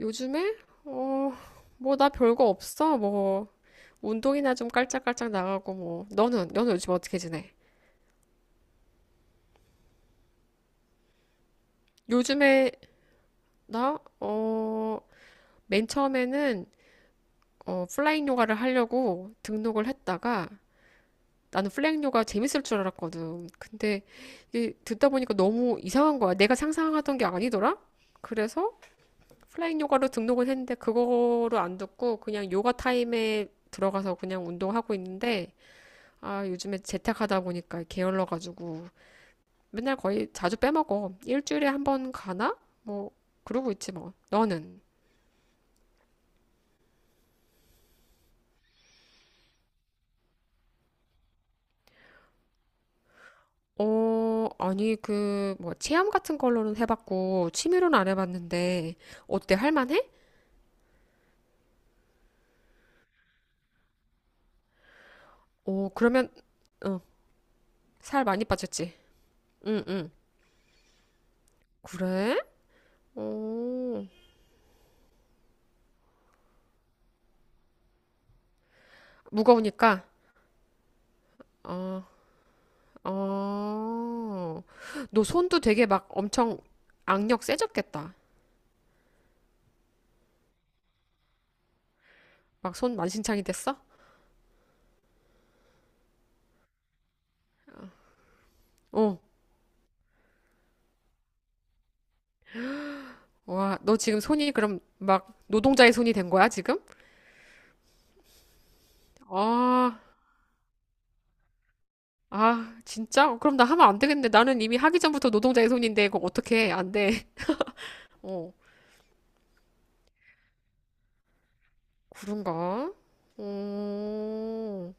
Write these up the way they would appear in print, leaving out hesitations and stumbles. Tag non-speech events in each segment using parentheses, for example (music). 요즘에? 어, 뭐 나 별거 없어. 뭐 운동이나 좀 깔짝깔짝 나가고 뭐. 너는 요즘 어떻게 지내? 요즘에 나 어, 맨 처음에는 어, 플라잉 요가를 하려고 등록을 했다가 나는 플라잉 요가 재밌을 줄 알았거든. 근데 이게 듣다 보니까 너무 이상한 거야. 내가 상상하던 게 아니더라. 그래서 플라잉 요가로 등록을 했는데 그거를 안 듣고 그냥 요가 타임에 들어가서 그냥 운동하고 있는데 아, 요즘에 재택하다 보니까 게을러가지고 맨날 거의 자주 빼먹어. 일주일에 한 번 가나? 뭐, 그러고 있지 뭐. 너는? 어, 아니, 그, 뭐, 체험 같은 걸로는 해봤고, 취미로는 안 해봤는데, 어때? 할만해? 어, 그러면, 어, 살 많이 빠졌지? 응, 응. 그래? 어, 무거우니까? 어, 어. 너 손도 되게 막 엄청 악력 세졌겠다. 막 손 만신창이 됐어? 어. 와, 너 지금 손이 그럼 막 노동자의 손이 된 거야, 지금? 아, 아, 진짜? 어, 그럼 나 하면 안 되겠네. 나는 이미 하기 전부터 노동자의 손인데, 그거 어떻게 해? 안 돼. (laughs) 어, 그런가? 음,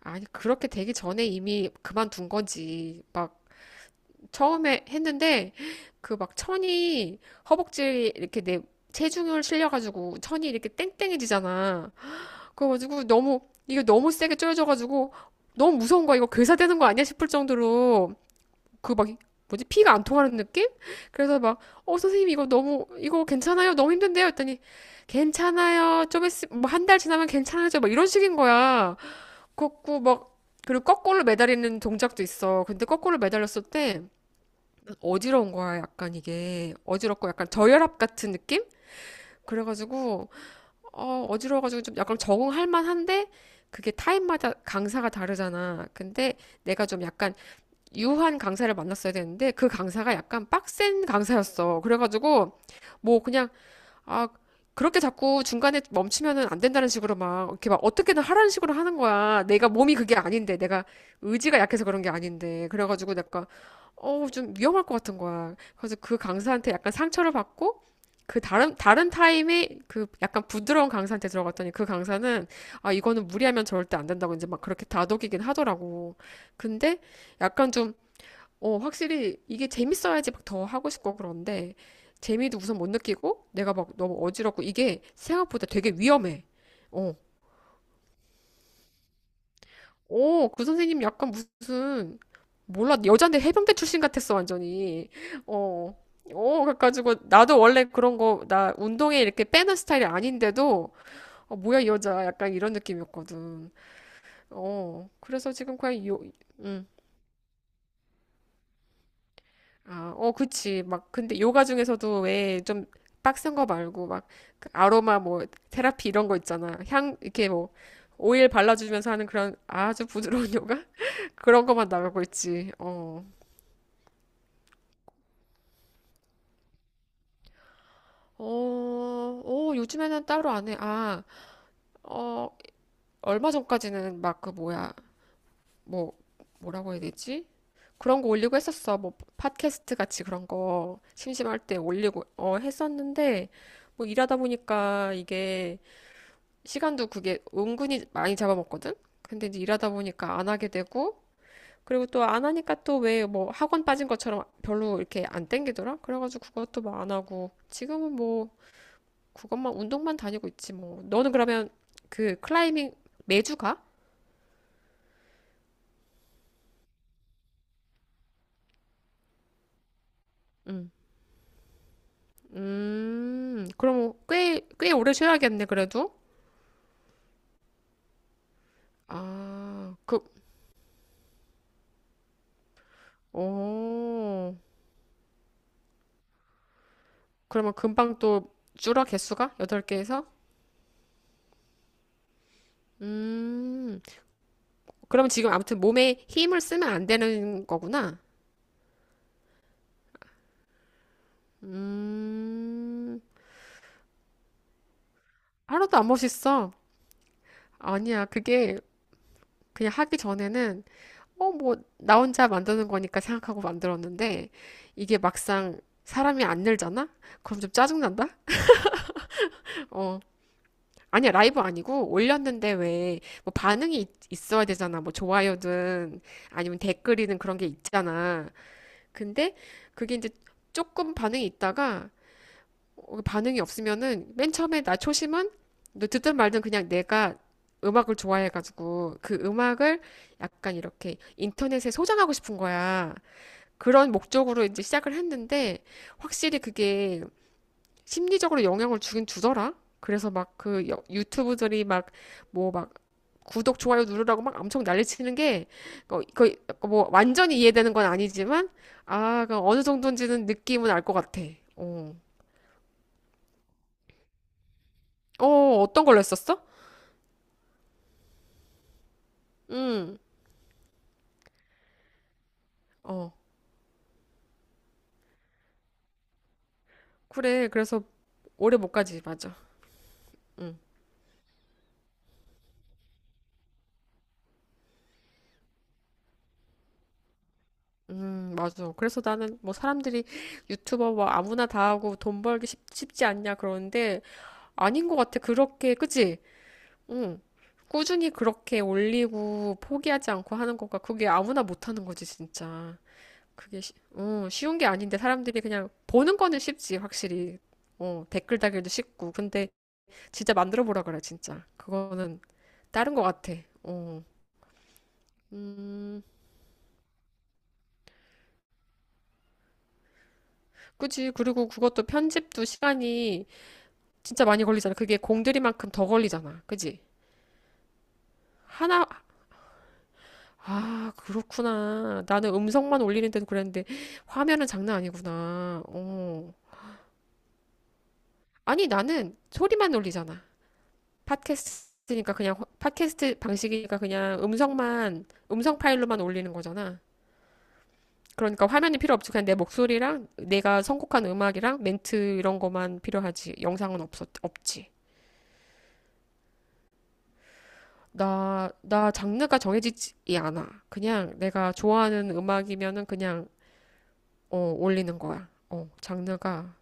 아니, 그렇게 되기 전에 이미 그만둔 거지. 막, 처음에 했는데, 그 막 천이 허벅지 이렇게 내 체중을 실려가지고 천이 이렇게 땡땡해지잖아. 그래가지고 너무 이게 너무 세게 쪼여져가지고 너무 무서운 거야. 이거 괴사되는 거 아니야 싶을 정도로 그 막 뭐지 피가 안 통하는 느낌? 그래서 막 어 선생님 이거 너무 이거 괜찮아요? 너무 힘든데요? 했더니 괜찮아요. 좀 있으 뭐한 달 지나면 괜찮아져. 막 이런 식인 거야. 그렇고 막 그리고 거꾸로 매달리는 동작도 있어. 근데 거꾸로 매달렸을 때 어지러운 거야. 약간 이게 어지럽고 약간 저혈압 같은 느낌? 그래가지고 어, 어지러워가지고 좀 약간 적응할 만한데 그게 타임마다 강사가 다르잖아. 근데 내가 좀 약간 유한 강사를 만났어야 되는데 그 강사가 약간 빡센 강사였어. 그래가지고 뭐 그냥 아, 그렇게 자꾸 중간에 멈추면은 안 된다는 식으로 막, 이렇게 막 어떻게든 하라는 식으로 하는 거야. 내가 몸이 그게 아닌데, 내가 의지가 약해서 그런 게 아닌데. 그래가지고 내가, 어우, 좀 위험할 것 같은 거야. 그래서 그 강사한테 약간 상처를 받고, 그 다른 타임에 그 약간 부드러운 강사한테 들어갔더니 그 강사는, 아, 이거는 무리하면 절대 안 된다고 이제 막 그렇게 다독이긴 하더라고. 근데 약간 좀 어, 확실히 이게 재밌어야지 막 더 하고 싶고 그런데 재미도 우선 못 느끼고 내가 막 너무 어지럽고 이게 생각보다 되게 위험해. 어, 어, 그 선생님 약간 무슨 몰라 여잔데 해병대 출신 같았어 완전히. 어, 어, 그래가지고 나도 원래 그런 거 나 운동에 이렇게 빼는 스타일이 아닌데도 어, 뭐야 이 여자 약간 이런 느낌이었거든. 어, 그래서 지금 그냥 요, 음. 아, 어, 그치. 막, 근데 요가 중에서도 왜 좀 빡센 거 말고, 막그 아로마 뭐, 테라피 이런 거 있잖아. 향, 이렇게 뭐, 오일 발라주면서 하는 그런 아주 부드러운 (laughs) 요가? 그런 거만 나가고 있지. 어. 어, 어, 요즘에는 따로 안 해. 아, 어, 얼마 전까지는 막 그 뭐야, 뭐, 뭐라고 해야 되지? 그런 거 올리고 했었어. 뭐, 팟캐스트 같이 그런 거 심심할 때 올리고, 어, 했었는데, 뭐, 일하다 보니까 이게 시간도 그게 은근히 많이 잡아먹거든? 근데 이제 일하다 보니까 안 하게 되고, 그리고 또 안 하니까 또 왜 뭐 학원 빠진 것처럼 별로 이렇게 안 땡기더라? 그래가지고 그것도 뭐 안 하고, 지금은 뭐 그것만 운동만 다니고 있지 뭐. 너는 그러면 그 클라이밍 매주 가? 응. 그럼 꽤 오래 쉬어야겠네, 그래도. 아, 그, 오. 그러면 금방 또 줄어, 개수가? 여덟 개에서 음. 그럼 지금 아무튼 몸에 힘을 쓰면 안 되는 거구나. 음, 하나도 안 멋있어. 아니야, 그게 그냥 하기 전에는, 어, 뭐, 나 혼자 만드는 거니까 생각하고 만들었는데, 이게 막상 사람이 안 늘잖아? 그럼 좀 짜증난다? 어. 아니야, 라이브 아니고, 올렸는데 왜, 뭐, 반응이 있어야 되잖아. 뭐, 좋아요든, 아니면 댓글이든 그런 게 있잖아. 근데, 그게 이제 조금 반응이 있다가, 어, 반응이 없으면은 맨 처음에 나 초심은 너 듣든 말든 그냥 내가 음악을 좋아해가지고 그 음악을 약간 이렇게 인터넷에 소장하고 싶은 거야. 그런 목적으로 이제 시작을 했는데 확실히 그게 심리적으로 영향을 주긴 주더라. 그래서 막 그 유튜브들이 막 뭐 막 구독, 좋아요 누르라고 막 엄청 난리치는 게, 어, 거의 뭐, 완전히 이해되는 건 아니지만, 아, 그 어느 정도인지는 느낌은 알 것 같아. 어, 어, 어떤 걸로 했었어? 응, 어, 그래. 그래서 오래 못 가지, 맞아. 맞아. 그래서 나는 뭐 사람들이 유튜버 뭐 아무나 다 하고 돈 벌기 쉽지 않냐 그러는데 아닌 것 같아. 그렇게, 그치? 응. 꾸준히 그렇게 올리고 포기하지 않고 하는 것과 그게 아무나 못 하는 거지, 진짜. 그게 쉬운 게 아닌데 사람들이 그냥 보는 거는 쉽지, 확실히. 어, 댓글 달기도 쉽고. 근데 진짜 만들어 보라 그래, 진짜. 그거는 다른 것 같아. 어. 음. 그치. 그리고 그것도 편집도 시간이 진짜 많이 걸리잖아. 그게 공들이만큼 더 걸리잖아. 그치? 하나, 아, 그렇구나. 나는 음성만 올리는 데도 그랬는데, 화면은 장난 아니구나. 어. 아니, 나는 소리만 올리잖아. 팟캐스트니까 그냥, 팟캐스트 방식이니까 그냥 음성만, 음성 파일로만 올리는 거잖아. 그러니까 화면이 필요 없지. 그냥 내 목소리랑 내가 선곡한 음악이랑 멘트 이런 거만 필요하지. 영상은 없지. 나 장르가 정해지지 않아. 그냥 내가 좋아하는 음악이면은 그냥, 어, 올리는 거야. 어, 장르가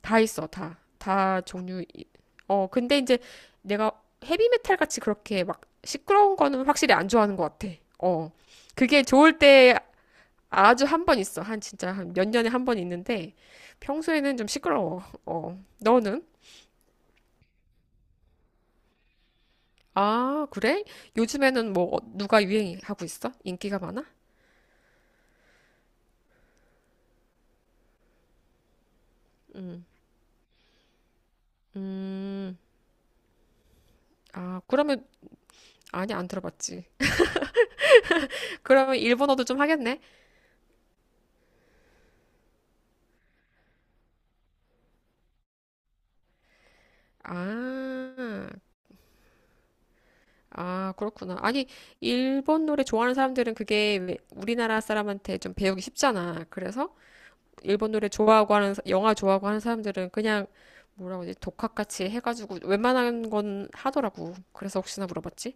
다 있어, 다. 다 종류, 어, 근데 이제 내가 헤비메탈 같이 그렇게 막 시끄러운 거는 확실히 안 좋아하는 것 같아. 어. 그게 좋을 때 아주 한 번 있어. 한 진짜 한 몇 년에 한 번 있는데 평소에는 좀 시끄러워. 어. 너는? 아, 그래? 요즘에는 뭐 누가 유행하고 있어? 인기가 많아? 음. 아, 그러면, 아니, 안 들어봤지. (laughs) 그러면 일본어도 좀 하겠네? 아, 아, 그렇구나. 아니, 일본 노래 좋아하는 사람들은 그게 왜 우리나라 사람한테 좀 배우기 쉽잖아. 그래서 일본 노래 좋아하고 하는, 영화 좋아하고 하는 사람들은 그냥 뭐라고 하지? 독학같이 해가지고 웬만한 건 하더라고. 그래서 혹시나 물어봤지?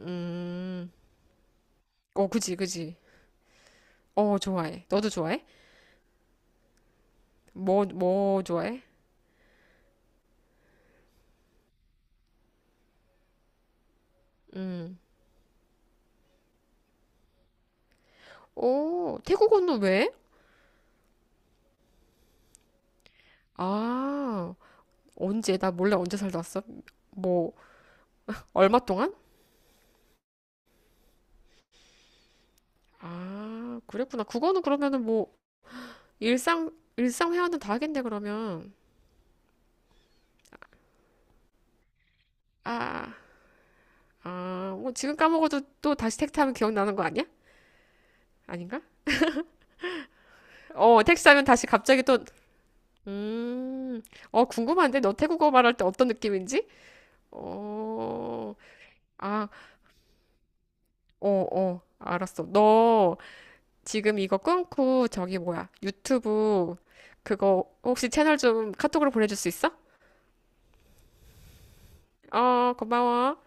음, 어, 그지, 그지. 어, 좋아해. 너도 좋아해? 뭐, 뭐 좋아해? 음. 오, 태국어는 왜? 아, 언제? 나 몰래 언제 살다 왔어? 뭐, 얼마 동안? 아, 그랬구나. 그거는 그러면은 뭐, 일상 회화는 다 하겠네, 그러면. 아, 아, 뭐 지금 까먹어도 또 다시 택트하면 기억나는 거 아니야? 아닌가? 어, 택시하면 다시 갑자기 또, 음, 어, 궁금한데? 너 태국어 말할 때 어떤 느낌인지? 어, 아, 어, 어, 알았어. 너 지금 이거 끊고 저기 뭐야, 유튜브 그거 혹시 채널 좀 카톡으로 보내줄 수 있어? 어, 고마워.